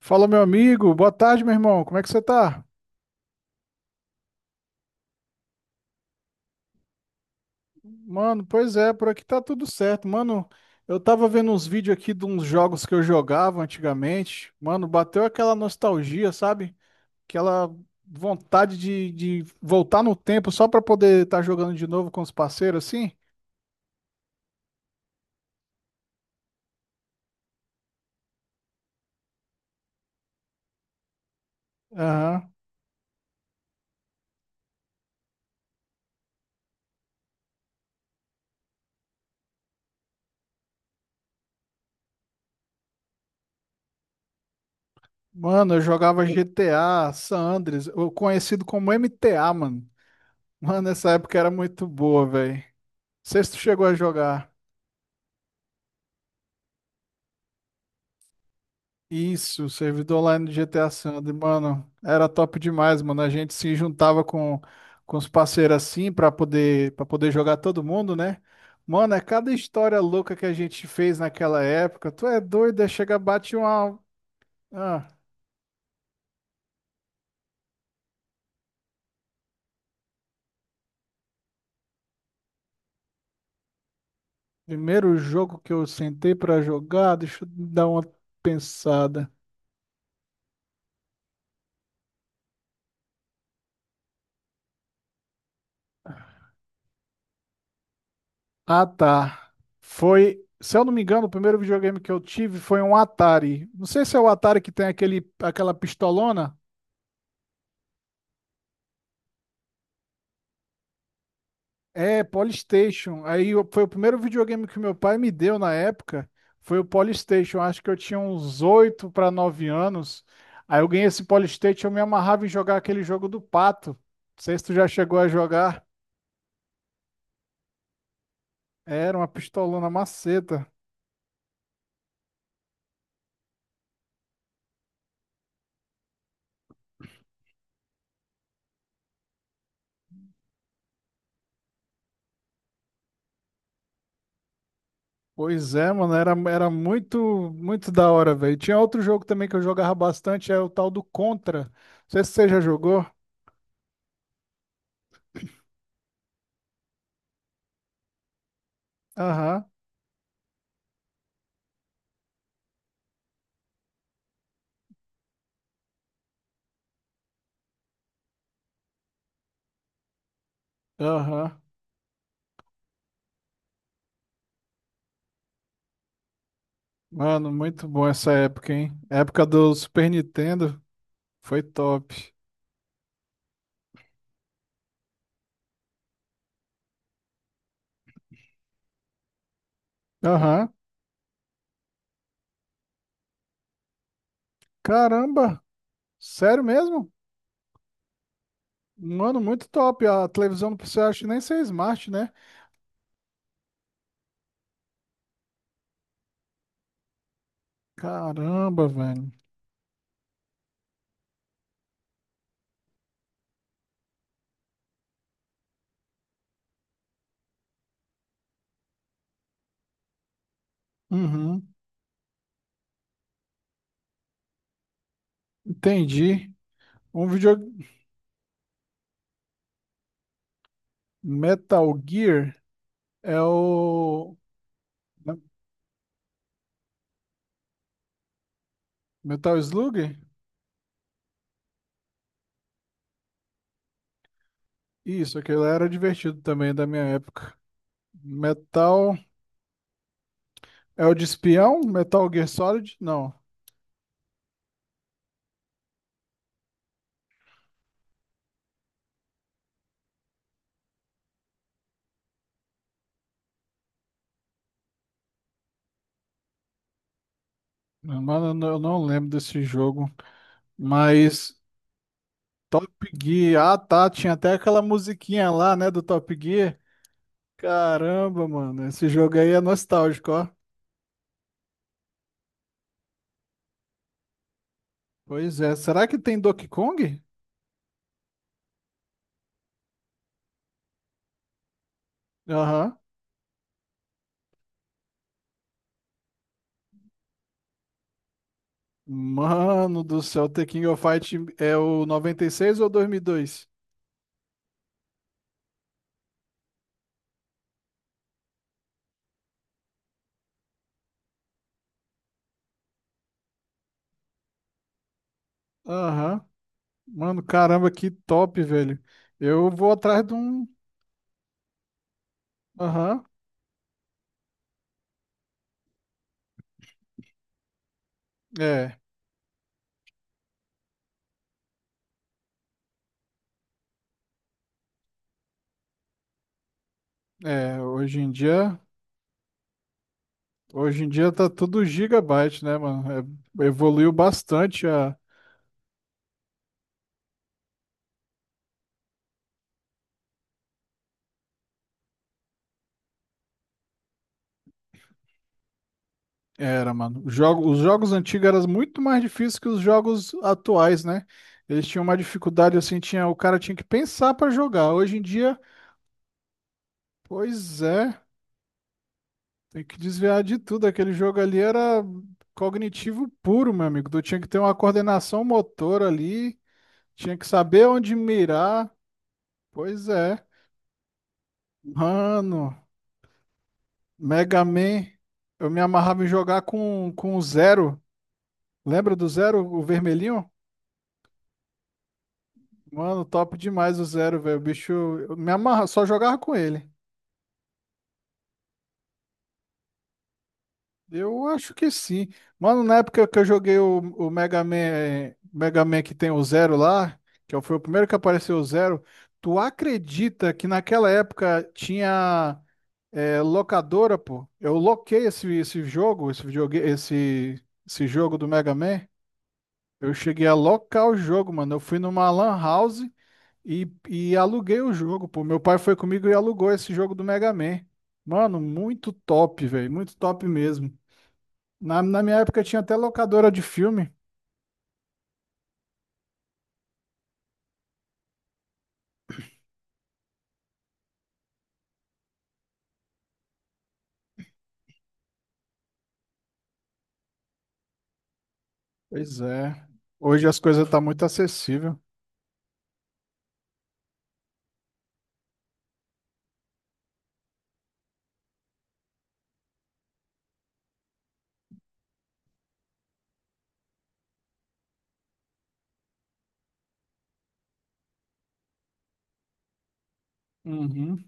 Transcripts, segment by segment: Fala, meu amigo. Boa tarde, meu irmão. Como é que você tá? Mano, pois é, por aqui tá tudo certo. Mano, eu tava vendo uns vídeos aqui de uns jogos que eu jogava antigamente. Mano, bateu aquela nostalgia, sabe? Aquela vontade de voltar no tempo só pra poder estar jogando de novo com os parceiros, assim. Aham. Mano, eu jogava GTA, San Andreas, ou conhecido como MTA, mano. Mano, essa época era muito boa, velho. Não sei se tu chegou a jogar. Isso, o servidor lá no GTA Sandro, mano, era top demais, mano. A gente se juntava com os parceiros assim pra poder para poder jogar todo mundo, né? Mano, é cada história louca que a gente fez naquela época. Tu é doido, é chega bate uma ah, primeiro jogo que eu sentei pra jogar, deixa eu dar uma pensada. Ah, tá. Foi, se eu não me engano, o primeiro videogame que eu tive foi um Atari. Não sei se é o Atari que tem aquele aquela pistolona. É, Polystation. Foi o primeiro videogame que meu pai me deu na época. Foi o Polystation. Acho que eu tinha uns 8 para 9 anos. Aí eu ganhei esse Polystation, eu me amarrava em jogar aquele jogo do pato. Não sei se tu já chegou a jogar. Era uma pistolona maceta. Pois é, mano, era muito, muito da hora, velho. Tinha outro jogo também que eu jogava bastante, é o tal do Contra. Não sei se você já jogou. Aham, aham. Mano, muito bom essa época, hein? Época do Super Nintendo. Foi top. Aham. Caramba! Sério mesmo? Mano, muito top. A televisão não precisa acho, nem ser smart, né? Caramba, velho. Uhum. Entendi. Um vídeo Metal Gear é o né? Metal Slug? Isso, aquele era divertido também da minha época. Metal é o de espião? Metal Gear Solid? Não. Mano, eu não lembro desse jogo. Mas Top Gear. Ah, tá. Tinha até aquela musiquinha lá, né, do Top Gear. Caramba, mano. Esse jogo aí é nostálgico, ó. Pois é. Será que tem Donkey Kong? Aham. Mano do céu, The King of Fight é o 96 ou 2002? Aham. Mano, caramba, que top, velho. Eu vou atrás de um. Aham. É, é. Hoje em dia. Hoje em dia tá tudo gigabyte, né, mano? É, evoluiu bastante a Era, mano. Os jogos antigos eram muito mais difíceis que os jogos atuais, né? Eles tinham uma dificuldade assim, tinha, o cara tinha que pensar pra jogar. Hoje em dia, pois é, tem que desviar de tudo. Aquele jogo ali era cognitivo puro, meu amigo. Tu tinha que ter uma coordenação motor ali, tinha que saber onde mirar. Pois é. Mano, Mega Man, eu me amarrava em jogar com o Zero. Lembra do Zero, o vermelhinho? Mano, top demais o Zero, velho. O bicho, eu me amarra, só jogava com ele. Eu acho que sim. Mano, na época que eu joguei o Mega Man, eh, Mega Man que tem o Zero lá, que foi o primeiro que apareceu o Zero, tu acredita que naquela época tinha locadora, pô? Eu loquei esse jogo, esse videogame, esse jogo do Mega Man. Eu cheguei a locar o jogo, mano. Eu fui numa lan house. E aluguei o jogo, pô. Meu pai foi comigo e alugou esse jogo do Mega Man. Mano, muito top, velho. Muito top mesmo. Na minha época tinha até locadora de filme. Pois é. Hoje as coisas tá muito acessível. Uhum.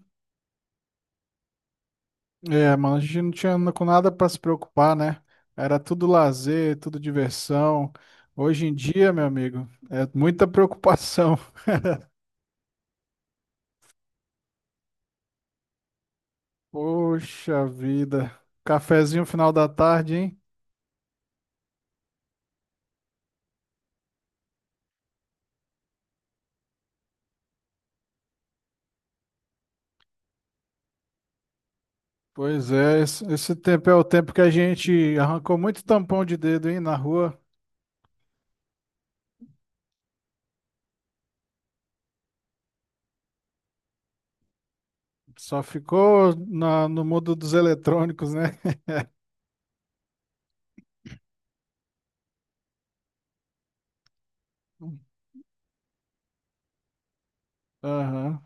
É, mano, a gente não tinha na- com nada pra se preocupar, né? Era tudo lazer, tudo diversão. Hoje em dia, meu amigo, é muita preocupação. Poxa vida. Cafezinho final da tarde, hein? Pois é, esse tempo é o tempo que a gente arrancou muito tampão de dedo, hein, na rua. Só ficou no mundo dos eletrônicos, né? Aham.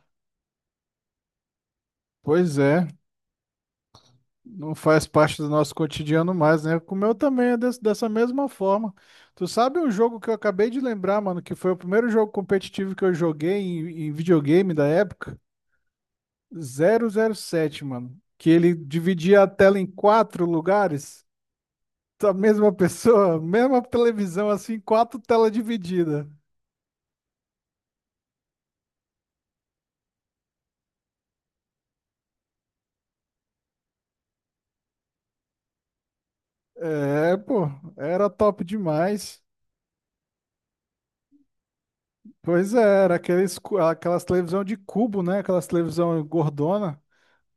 Pois é, não faz parte do nosso cotidiano mais, né? Com o meu também é dessa mesma forma. Tu sabe um jogo que eu acabei de lembrar, mano, que foi o primeiro jogo competitivo que eu joguei em videogame da época? Zero zero sete mano. Que ele dividia a tela em quatro lugares. A mesma pessoa, mesma televisão, assim, quatro telas divididas. É, pô, era top demais. Pois é, era aquelas televisão de cubo, né? Aquelas televisão gordona.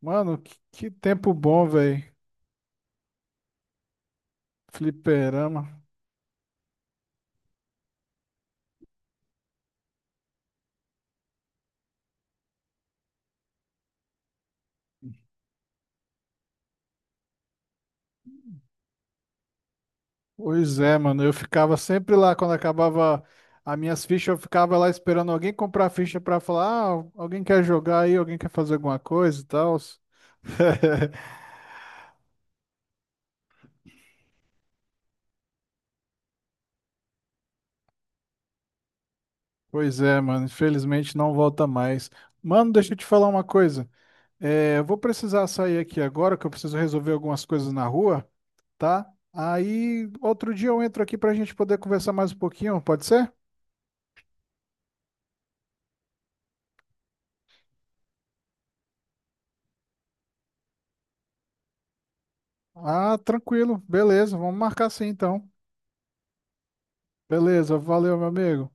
Mano, que tempo bom, velho. Fliperama. Pois é, mano. Eu ficava sempre lá quando acabava as minhas fichas, eu ficava lá esperando alguém comprar a ficha pra falar, ah, alguém quer jogar aí, alguém quer fazer alguma coisa e tal. Pois é, mano, infelizmente não volta mais. Mano, deixa eu te falar uma coisa. É, eu vou precisar sair aqui agora, que eu preciso resolver algumas coisas na rua, tá? Aí outro dia eu entro aqui pra gente poder conversar mais um pouquinho, pode ser? Ah, tranquilo, beleza, vamos marcar sim então. Beleza, valeu, meu amigo.